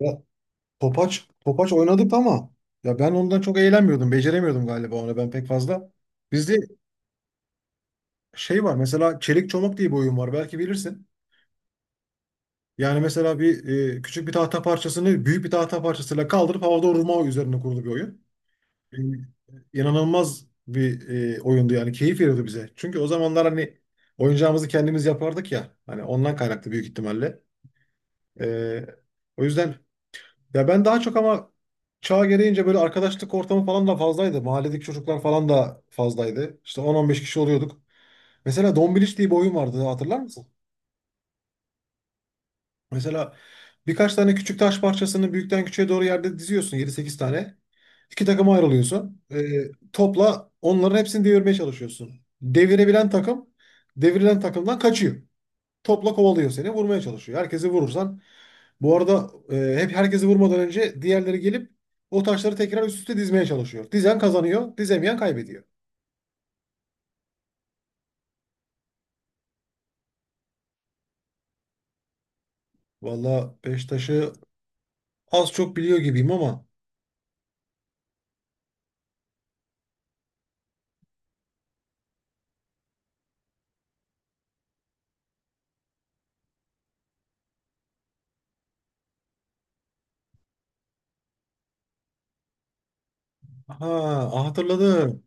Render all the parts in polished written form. Ya, Topaç, Topaç oynadık ama ya ben ondan çok eğlenmiyordum. Beceremiyordum galiba onu ben pek fazla. Bizde şey var, mesela çelik çomak diye bir oyun var, belki bilirsin. Yani mesela küçük bir tahta parçasını büyük bir tahta parçasıyla kaldırıp havada vurma üzerine kurulu bir oyun. E, İnanılmaz bir oyundu, yani keyif veriyordu bize. Çünkü o zamanlar hani oyuncağımızı kendimiz yapardık ya. Hani ondan kaynaklı büyük ihtimalle. E, O yüzden, ya ben daha çok ama çağ gereğince böyle arkadaşlık ortamı falan da fazlaydı. Mahalledeki çocuklar falan da fazlaydı. İşte 10-15 kişi oluyorduk. Mesela Dombiliç diye bir oyun vardı, hatırlar mısın? Mesela birkaç tane küçük taş parçasını büyükten küçüğe doğru yerde diziyorsun, yedi sekiz tane. İki takıma ayrılıyorsun. Topla onların hepsini devirmeye çalışıyorsun. Devirebilen takım devrilen takımdan kaçıyor. Topla kovalıyor seni. Vurmaya çalışıyor. Herkesi vurursan. Bu arada hep herkesi vurmadan önce diğerleri gelip o taşları tekrar üst üste dizmeye çalışıyor. Dizen kazanıyor. Dizemeyen kaybediyor. Valla beş taşı az çok biliyor gibiyim ama. Ha, hatırladım.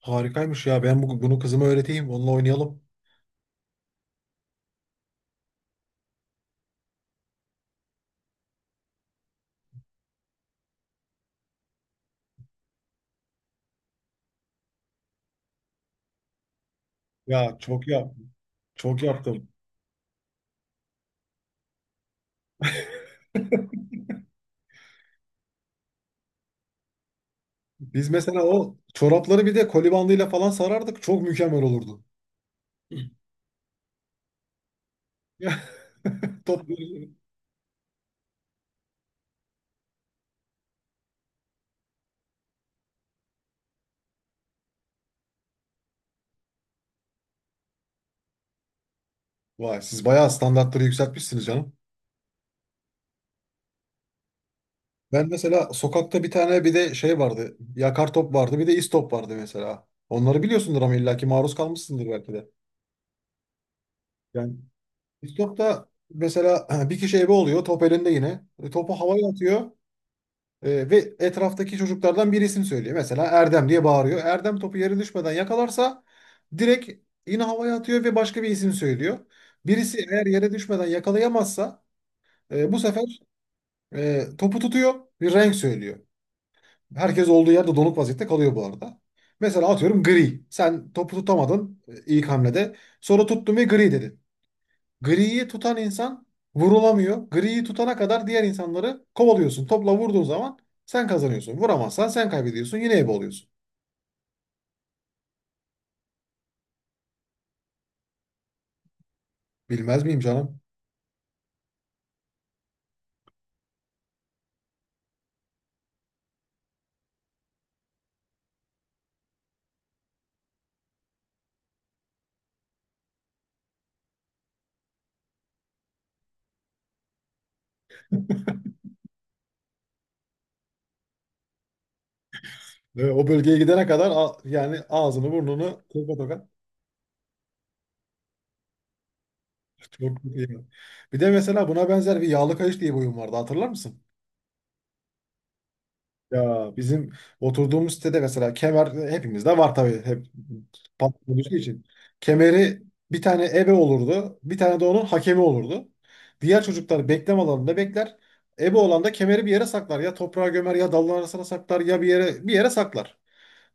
Harikaymış ya. Ben bunu kızıma öğreteyim. Onunla oynayalım. Ya, çok yap. Çok yaptım. Biz mesela o çorapları bir de koli bandıyla falan sarardık. Çok mükemmel olurdu. Ya, top. Vay, siz bayağı standartları yükseltmişsiniz canım. Ben mesela sokakta bir tane bir de şey vardı. Yakar top vardı, bir de istop vardı mesela. Onları biliyorsundur ama illaki maruz kalmışsındır belki de. Yani istopta mesela bir kişi ebe oluyor, top elinde yine. Topu havaya atıyor ve etraftaki çocuklardan bir isim söylüyor. Mesela Erdem diye bağırıyor. Erdem topu yere düşmeden yakalarsa direkt yine havaya atıyor ve başka bir isim söylüyor. Birisi eğer yere düşmeden yakalayamazsa bu sefer topu tutuyor, bir renk söylüyor. Herkes olduğu yerde donuk vaziyette kalıyor bu arada. Mesela atıyorum gri. Sen topu tutamadın ilk hamlede. Sonra tuttun ve gri dedin. Griyi tutan insan vurulamıyor. Griyi tutana kadar diğer insanları kovalıyorsun. Topla vurduğun zaman sen kazanıyorsun. Vuramazsan sen kaybediyorsun. Yine ebe oluyorsun. Bilmez miyim canım? Ve o bölgeye gidene kadar, yani ağzını burnunu toka toka. Çok iyi. Bir de mesela buna benzer bir yağlı kayış diye bir oyun vardı, hatırlar mısın? Ya, bizim oturduğumuz sitede mesela kemer hepimizde var tabii, hep patron olduğu için. Kemeri, bir tane ebe olurdu. Bir tane de onun hakemi olurdu. Diğer çocuklar bekleme alanında bekler. Ebe olan da kemeri bir yere saklar. Ya toprağa gömer, ya dalın arasına saklar, ya bir yere bir yere saklar.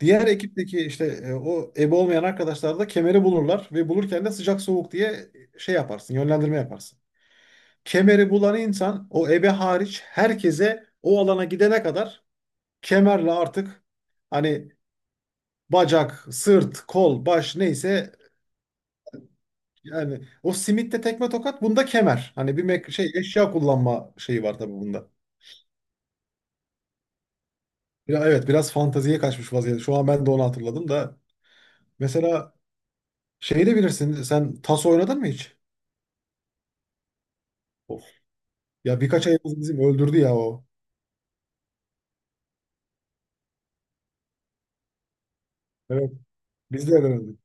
Diğer ekipteki işte o ebe olmayan arkadaşlar da kemeri bulurlar, ve bulurken de sıcak soğuk diye şey yaparsın, yönlendirme yaparsın. Kemeri bulan insan, o ebe hariç herkese o alana gidene kadar kemerle artık, hani bacak, sırt, kol, baş neyse, yani o simitte tekme tokat, bunda kemer. Hani bir şey, eşya kullanma şeyi var tabii bunda. Ya, evet, biraz fanteziye kaçmış vaziyette. Şu an ben de onu hatırladım da, mesela şeyi de bilirsin, sen tas oynadın mı hiç? Of. Ya, birkaç ayımız bizim öldürdü ya o. Evet. Biz de öğrendik.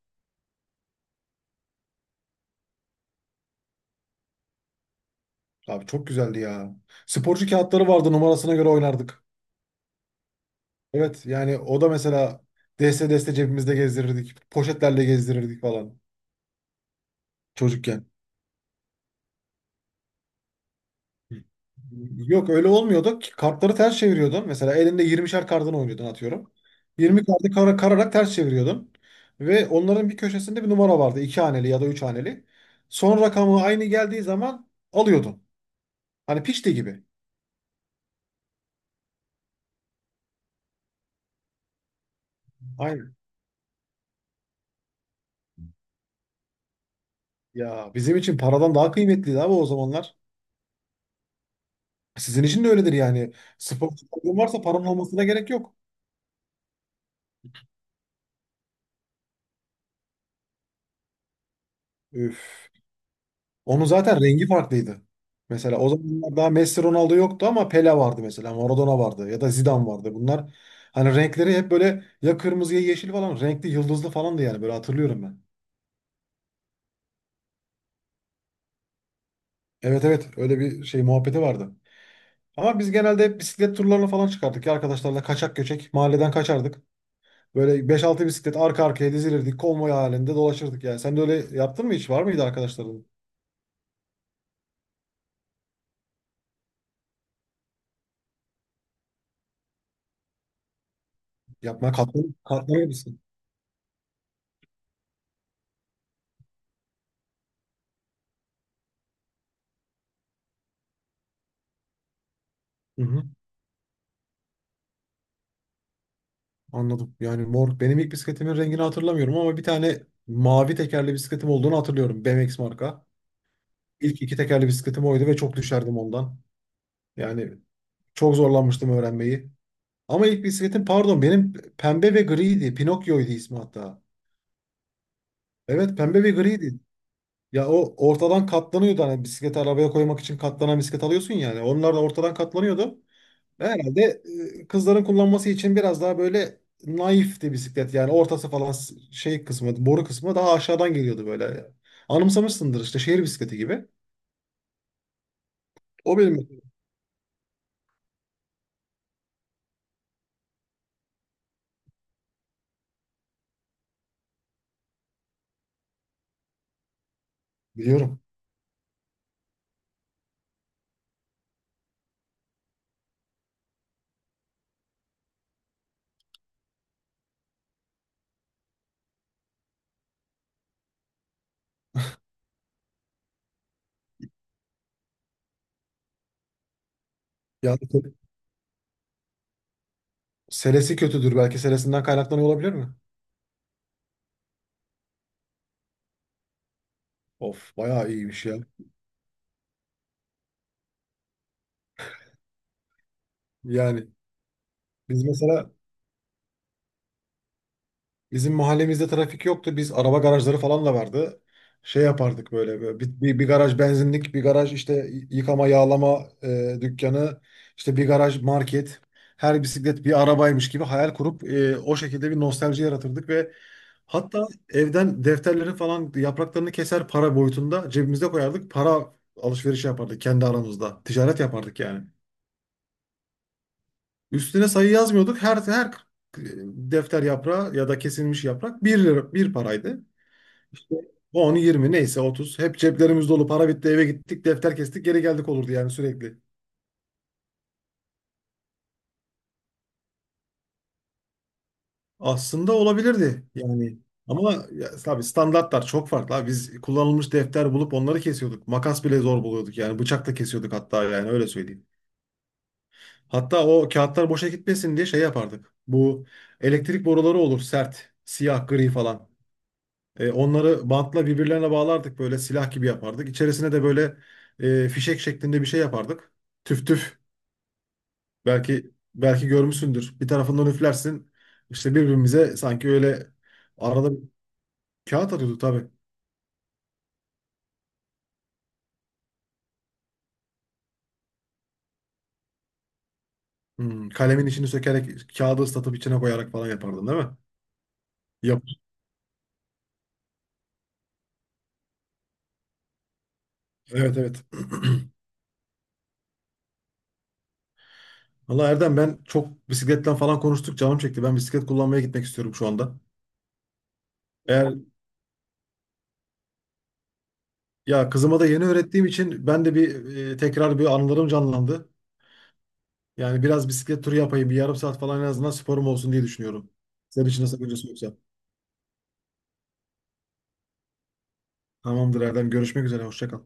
Abi, çok güzeldi ya. Sporcu kağıtları vardı, numarasına göre oynardık. Evet, yani o da mesela deste deste cebimizde gezdirirdik. Poşetlerle gezdirirdik falan. Çocukken. Yok, öyle olmuyordu ki. Kartları ters çeviriyordun. Mesela elinde 20'şer kartını oynuyordun, atıyorum. 20 kartı kara, kararak ters çeviriyordun. Ve onların bir köşesinde bir numara vardı, iki haneli ya da üç haneli. Son rakamı aynı geldiği zaman alıyordun. Hani pişti gibi. Aynen. Ya, bizim için paradan daha kıymetliydi abi o zamanlar. Sizin için de öyledir yani. Spor tutkunluğun varsa paranın olmasına gerek yok. Üf. Onun zaten rengi farklıydı. Mesela o zamanlar daha Messi Ronaldo yoktu ama Pele vardı mesela. Maradona vardı ya da Zidane vardı. Bunlar, hani renkleri hep böyle ya kırmızı ya yeşil falan, renkli yıldızlı falandı yani, böyle hatırlıyorum ben. Evet, evet, öyle bir şey muhabbeti vardı. Ama biz genelde hep bisiklet turlarına falan çıkardık ya arkadaşlarla, kaçak göçek mahalleden kaçardık. Böyle beş altı bisiklet arka arkaya dizilirdik, konvoy halinde dolaşırdık yani. Sen de öyle yaptın mı hiç? Var mıydı arkadaşların? Yapmaya katlanır, katlanır mısın? Hı hı. Anladım. Yani mor, benim ilk bisikletimin rengini hatırlamıyorum ama bir tane mavi tekerli bisikletim olduğunu hatırlıyorum. BMX marka. İlk iki tekerli bisikletim oydu ve çok düşerdim ondan. Yani çok zorlanmıştım öğrenmeyi. Ama ilk bisikletim, pardon, benim pembe ve griydi. Pinokyo'ydu ismi hatta. Evet, pembe ve griydi. Ya, o ortadan katlanıyordu, hani bisikleti arabaya koymak için katlanan bisiklet alıyorsun yani. Onlar da ortadan katlanıyordu. Herhalde kızların kullanması için biraz daha böyle naifti bisiklet. Yani ortası falan, şey kısmı, boru kısmı daha aşağıdan geliyordu böyle. Anımsamışsındır işte, şehir bisikleti gibi. O benim biliyorum. Ya, selesi kötüdür, belki selesinden kaynaklanıyor olabilir mi? Of, bayağı iyiymiş ya. Yani biz mesela bizim mahallemizde trafik yoktu. Biz araba garajları falan da vardı. Şey yapardık böyle, böyle bir garaj benzinlik, bir garaj işte yıkama yağlama dükkanı, işte bir garaj market. Her bisiklet bir arabaymış gibi hayal kurup o şekilde bir nostalji yaratırdık, ve hatta evden defterleri falan, yapraklarını keser para boyutunda cebimize koyardık. Para alışverişi yapardık kendi aramızda. Ticaret yapardık yani. Üstüne sayı yazmıyorduk. Her e, defter yaprağı ya da kesilmiş yaprak bir lira, bir paraydı. İşte 10, 20, neyse 30. Hep ceplerimiz dolu. Para bitti, eve gittik. Defter kestik, geri geldik olurdu yani, sürekli. Aslında olabilirdi yani. Ama ya, tabii standartlar çok farklı abi. Biz kullanılmış defter bulup onları kesiyorduk. Makas bile zor buluyorduk yani. Bıçakla kesiyorduk hatta, yani öyle söyleyeyim. Hatta o kağıtlar boşa gitmesin diye şey yapardık. Bu elektrik boruları olur sert. Siyah, gri falan. Onları bantla birbirlerine bağlardık, böyle silah gibi yapardık. İçerisine de böyle fişek şeklinde bir şey yapardık. Tüf tüf. Belki, belki görmüşsündür. Bir tarafından üflersin. İşte birbirimize sanki öyle arada bir kağıt atıyorduk tabii. Kalemin içini sökerek kağıdı ıslatıp içine koyarak falan yapardın değil mi? Yap. Evet, evet. Valla Erdem, ben çok bisikletten falan konuştuk, canım çekti. Ben bisiklet kullanmaya gitmek istiyorum şu anda. Eğer, ya kızıma da yeni öğrettiğim için ben de bir tekrar bir anılarım canlandı. Yani biraz bisiklet turu yapayım. Bir yarım saat falan, en azından sporum olsun diye düşünüyorum. Senin için nasıl, bir yoksa. Tamamdır Erdem. Görüşmek üzere. Hoşça kal.